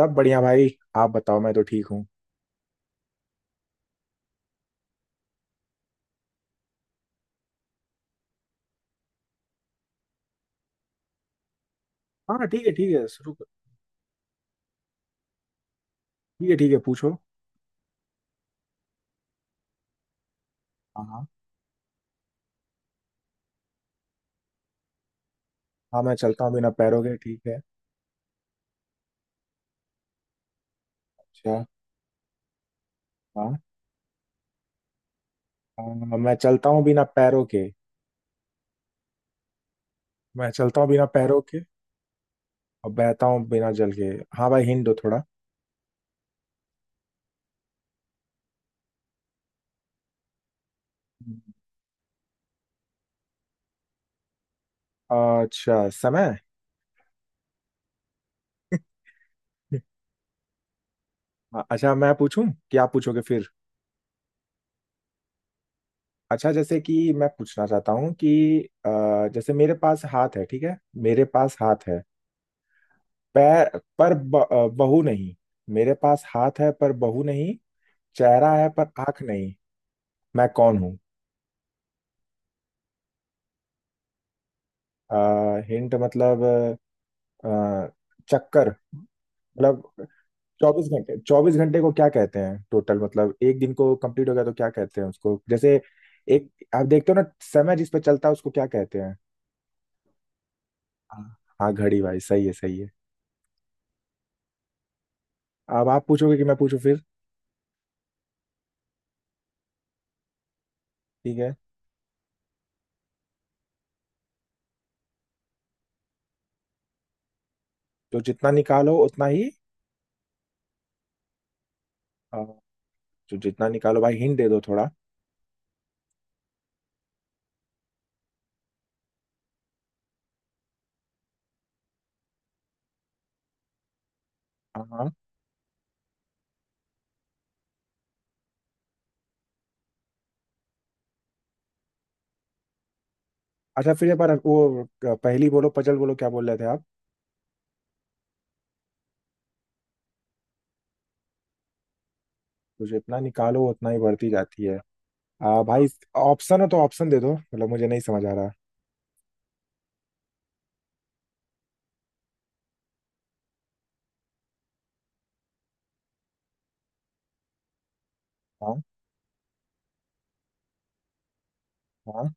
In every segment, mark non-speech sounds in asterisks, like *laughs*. सब बढ़िया भाई। आप बताओ। मैं तो ठीक हूँ। हाँ ठीक है ठीक है, शुरू कर। ठीक है ठीक है, पूछो। हाँ हाँ। हाँ मैं चलता हूँ बिना पैरों के, ठीक है। अच्छा। हाँ हाँ, मैं चलता हूँ बिना पैरों के। मैं चलता हूँ बिना पैरों के और बहता हूँ बिना जल के। हाँ भाई, हिंट दो थोड़ा। अच्छा, समय। हाँ, अच्छा मैं पूछूं कि आप पूछोगे फिर। अच्छा जैसे कि मैं पूछना चाहता हूँ कि जैसे मेरे पास हाथ है, ठीक है। मेरे पास हाथ है, पैर पर बहू नहीं। मेरे पास हाथ है पर बहू नहीं। चेहरा है पर आंख नहीं। मैं कौन हूँ? हिंट मतलब अ, चक्कर मतलब। चौबीस घंटे, चौबीस घंटे को क्या कहते हैं? टोटल मतलब एक दिन को कंप्लीट हो गया तो क्या कहते हैं उसको? जैसे एक आप देखते हो ना, समय जिस पे चलता है उसको क्या कहते हैं? हाँ हाँ, घड़ी भाई, सही है सही है। अब आप पूछोगे कि मैं पूछूं फिर? ठीक है। तो जितना निकालो उतना ही। अ, जो जितना निकालो, भाई हिंट दे दो थोड़ा। हाँ हाँ। अच्छा फिर एक बार वो पहली बोलो, पजल बोलो, क्या बोल रहे थे आप? तो जितना निकालो उतना ही बढ़ती जाती है। भाई, ऑप्शन हो तो ऑप्शन दे दो, मतलब मुझे नहीं समझ आ रहा। हाँ हाँ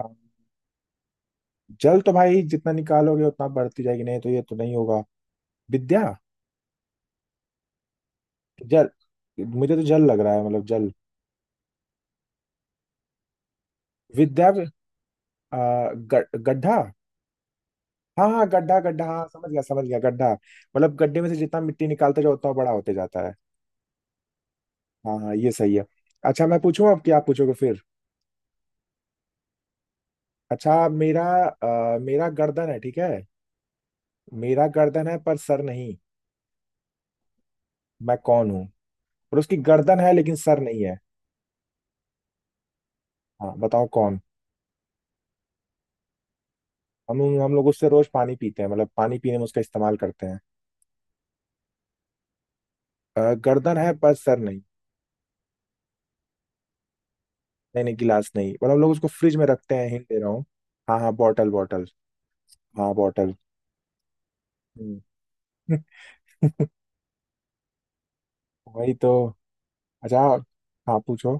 हाँ। जल तो भाई, जितना निकालोगे उतना बढ़ती जाएगी, नहीं तो ये तो नहीं होगा। विद्या। जल। मुझे तो जल लग रहा है, मतलब जल। विद्या। गड्ढा। हाँ हाँ, गड्ढा गड्ढा, हाँ समझ गया समझ गया। गड्ढा मतलब गड्ढे में से जितना मिट्टी निकालते जाओ उतना बड़ा होते जाता है। हाँ हाँ, ये सही है। अच्छा मैं पूछूं अब, क्या पूछोगे फिर। अच्छा, मेरा गर्दन है, ठीक है। मेरा गर्दन है पर सर नहीं। मैं कौन हूँ? और उसकी गर्दन है लेकिन सर नहीं है। हाँ बताओ, कौन। हम लोग उससे रोज पानी पीते हैं, मतलब पानी पीने में उसका इस्तेमाल करते हैं। गर्दन है पर सर नहीं। नहीं नहीं, गिलास नहीं। और हम लोग उसको फ्रिज में रखते हैं, हिंट दे रहा हूँ। हाँ हाँ, बॉटल बॉटल। हाँ, बॉटल। हम्म। *laughs* वही तो। अच्छा। हाँ पूछो।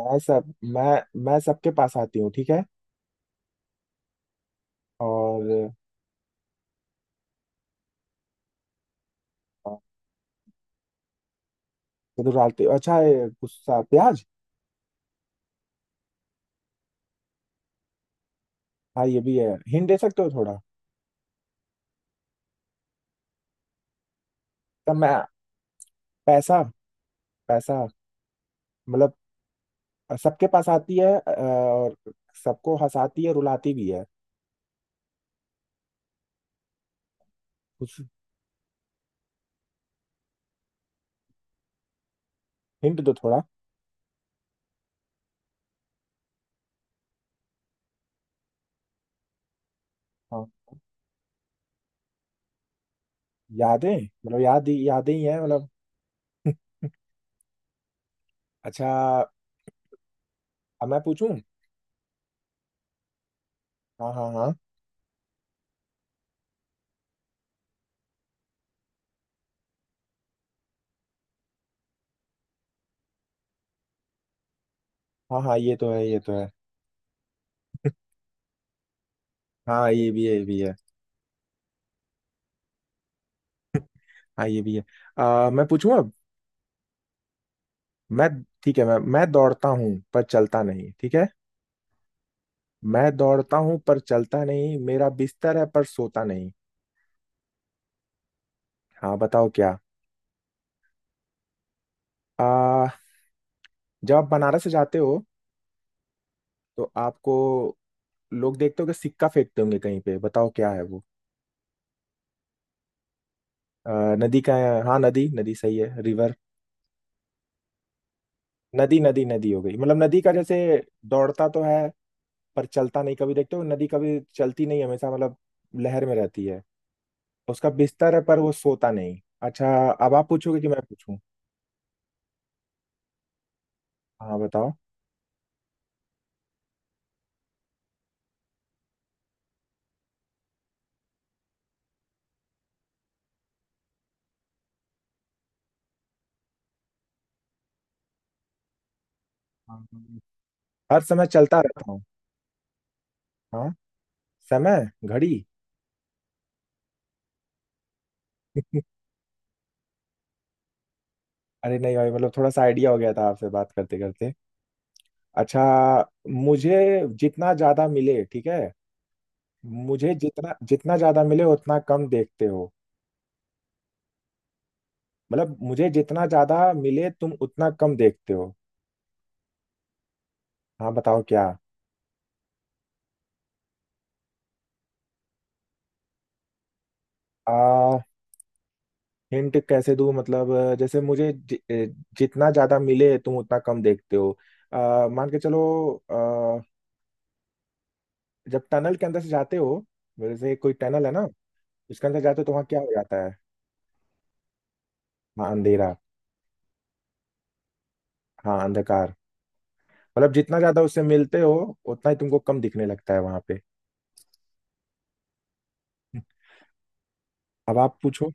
मैं सब मैं सबके पास आती हूँ, ठीक है। और अ, तो डालती हूँ, अच्छा ये गुस्सा, प्याज। हाँ ये भी है, हिंट दे सकते हो थोड़ा। तब मैं पैसा, पैसा मतलब। सबके पास आती है और सबको हंसाती है, रुलाती भी है। कुछ हिंट दो थोड़ा। हाँ, यादें। मतलब याद ही, यादें ही है मतलब। अच्छा अब मैं पूछूं। हाँ हाँ हाँ हाँ। हाँ, ये तो है ये तो है। हाँ, ये भी है ये भी है। हाँ, ये भी है। मैं पूछूं अब। मैं, ठीक है, मैं दौड़ता हूँ पर चलता नहीं, ठीक है। मैं दौड़ता हूँ पर चलता नहीं, मेरा बिस्तर है पर सोता नहीं। हाँ बताओ क्या। आ, जब आप बनारस जाते हो तो आपको लोग देखते होंगे, सिक्का फेंकते होंगे कहीं पे, बताओ क्या है वो? नदी का है, हाँ नदी नदी, सही है, रिवर। नदी नदी नदी हो गई, मतलब नदी का जैसे। दौड़ता तो है पर चलता नहीं, कभी देखते हो नदी कभी चलती नहीं हमेशा, मतलब लहर में रहती है। उसका बिस्तर है पर वो सोता नहीं, अच्छा। अब आप पूछोगे कि मैं पूछूं। हाँ बताओ। हाँ, हर समय चलता रहता हूँ। हाँ, समय, घड़ी। अरे नहीं भाई, मतलब थोड़ा सा आइडिया हो गया था आपसे बात करते करते। अच्छा, मुझे जितना ज्यादा मिले, ठीक है। मुझे जितना जितना ज्यादा मिले उतना कम देखते हो। मतलब मुझे जितना ज्यादा मिले तुम उतना कम देखते हो। हाँ बताओ क्या। आ हिंट कैसे दूँ मतलब। जैसे जितना ज्यादा मिले तुम उतना कम देखते हो। मान के चलो। आ, जब टनल के अंदर से जाते हो, जैसे कोई टनल है ना, उसके अंदर जाते हो तो वहाँ क्या हो जाता है? हाँ, अंधेरा। हाँ, अंधकार। मतलब जितना ज्यादा उससे मिलते हो उतना ही तुमको कम दिखने लगता है वहां पे। अब आप पूछो।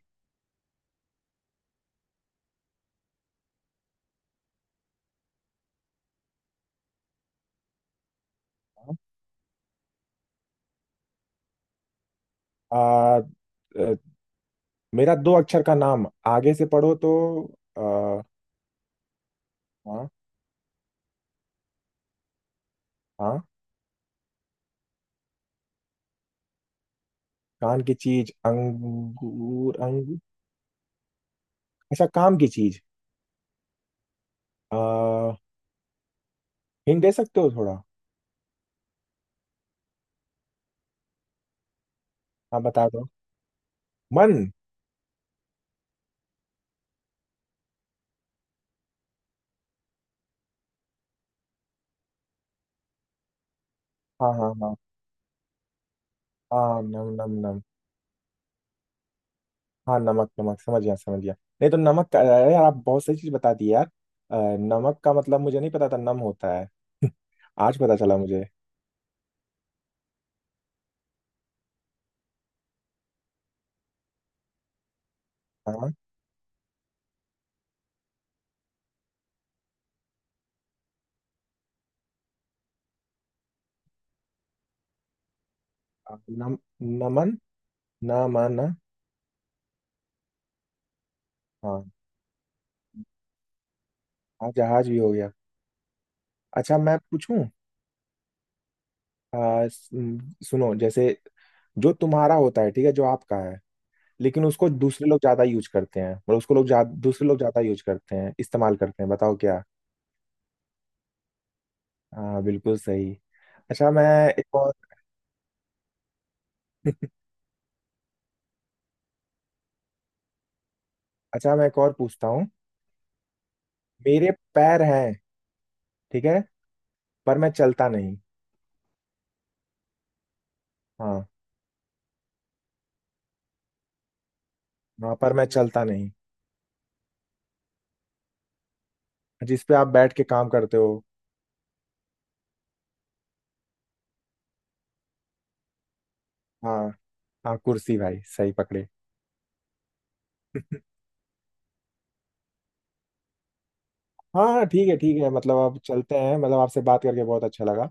आ, मेरा दो अक्षर का नाम, आगे से पढ़ो तो। आ, हाँ हाँ। कान की चीज, अंगूर अंगूर। अच्छा, काम की चीज। आ, हिंट दे सकते हो थोड़ा। हाँ बता दो। मन। हाँ हाँ हाँ हाँ, नम नम नम। हाँ नमक नमक, समझ गया समझ गया। नहीं तो नमक का, अरे यार आप बहुत सही चीज बता दी यार। अ, नमक का मतलब मुझे नहीं पता था नम होता है। *laughs* आज पता चला मुझे। हाँ नम, नमन, नमन। हाँ, हाँ जहाज भी हो गया। अच्छा मैं पूछूं। सुनो, जैसे जो तुम्हारा होता है, ठीक है, जो आपका है, लेकिन उसको दूसरे लोग ज्यादा यूज करते हैं, और उसको दूसरे लोग ज्यादा यूज करते हैं, इस्तेमाल करते हैं, बताओ क्या? हाँ, बिल्कुल सही। अच्छा मैं एक और अच्छा मैं एक और पूछता हूँ। मेरे पैर हैं, ठीक है, पर मैं चलता नहीं। हाँ हाँ, पर मैं चलता नहीं। जिस पे आप बैठ के काम करते हो। हाँ हाँ, कुर्सी भाई, सही पकड़े। हाँ हाँ, ठीक है ठीक है, मतलब आप चलते हैं, मतलब आपसे बात करके बहुत अच्छा लगा।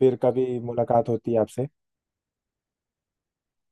फिर कभी मुलाकात होती है आपसे।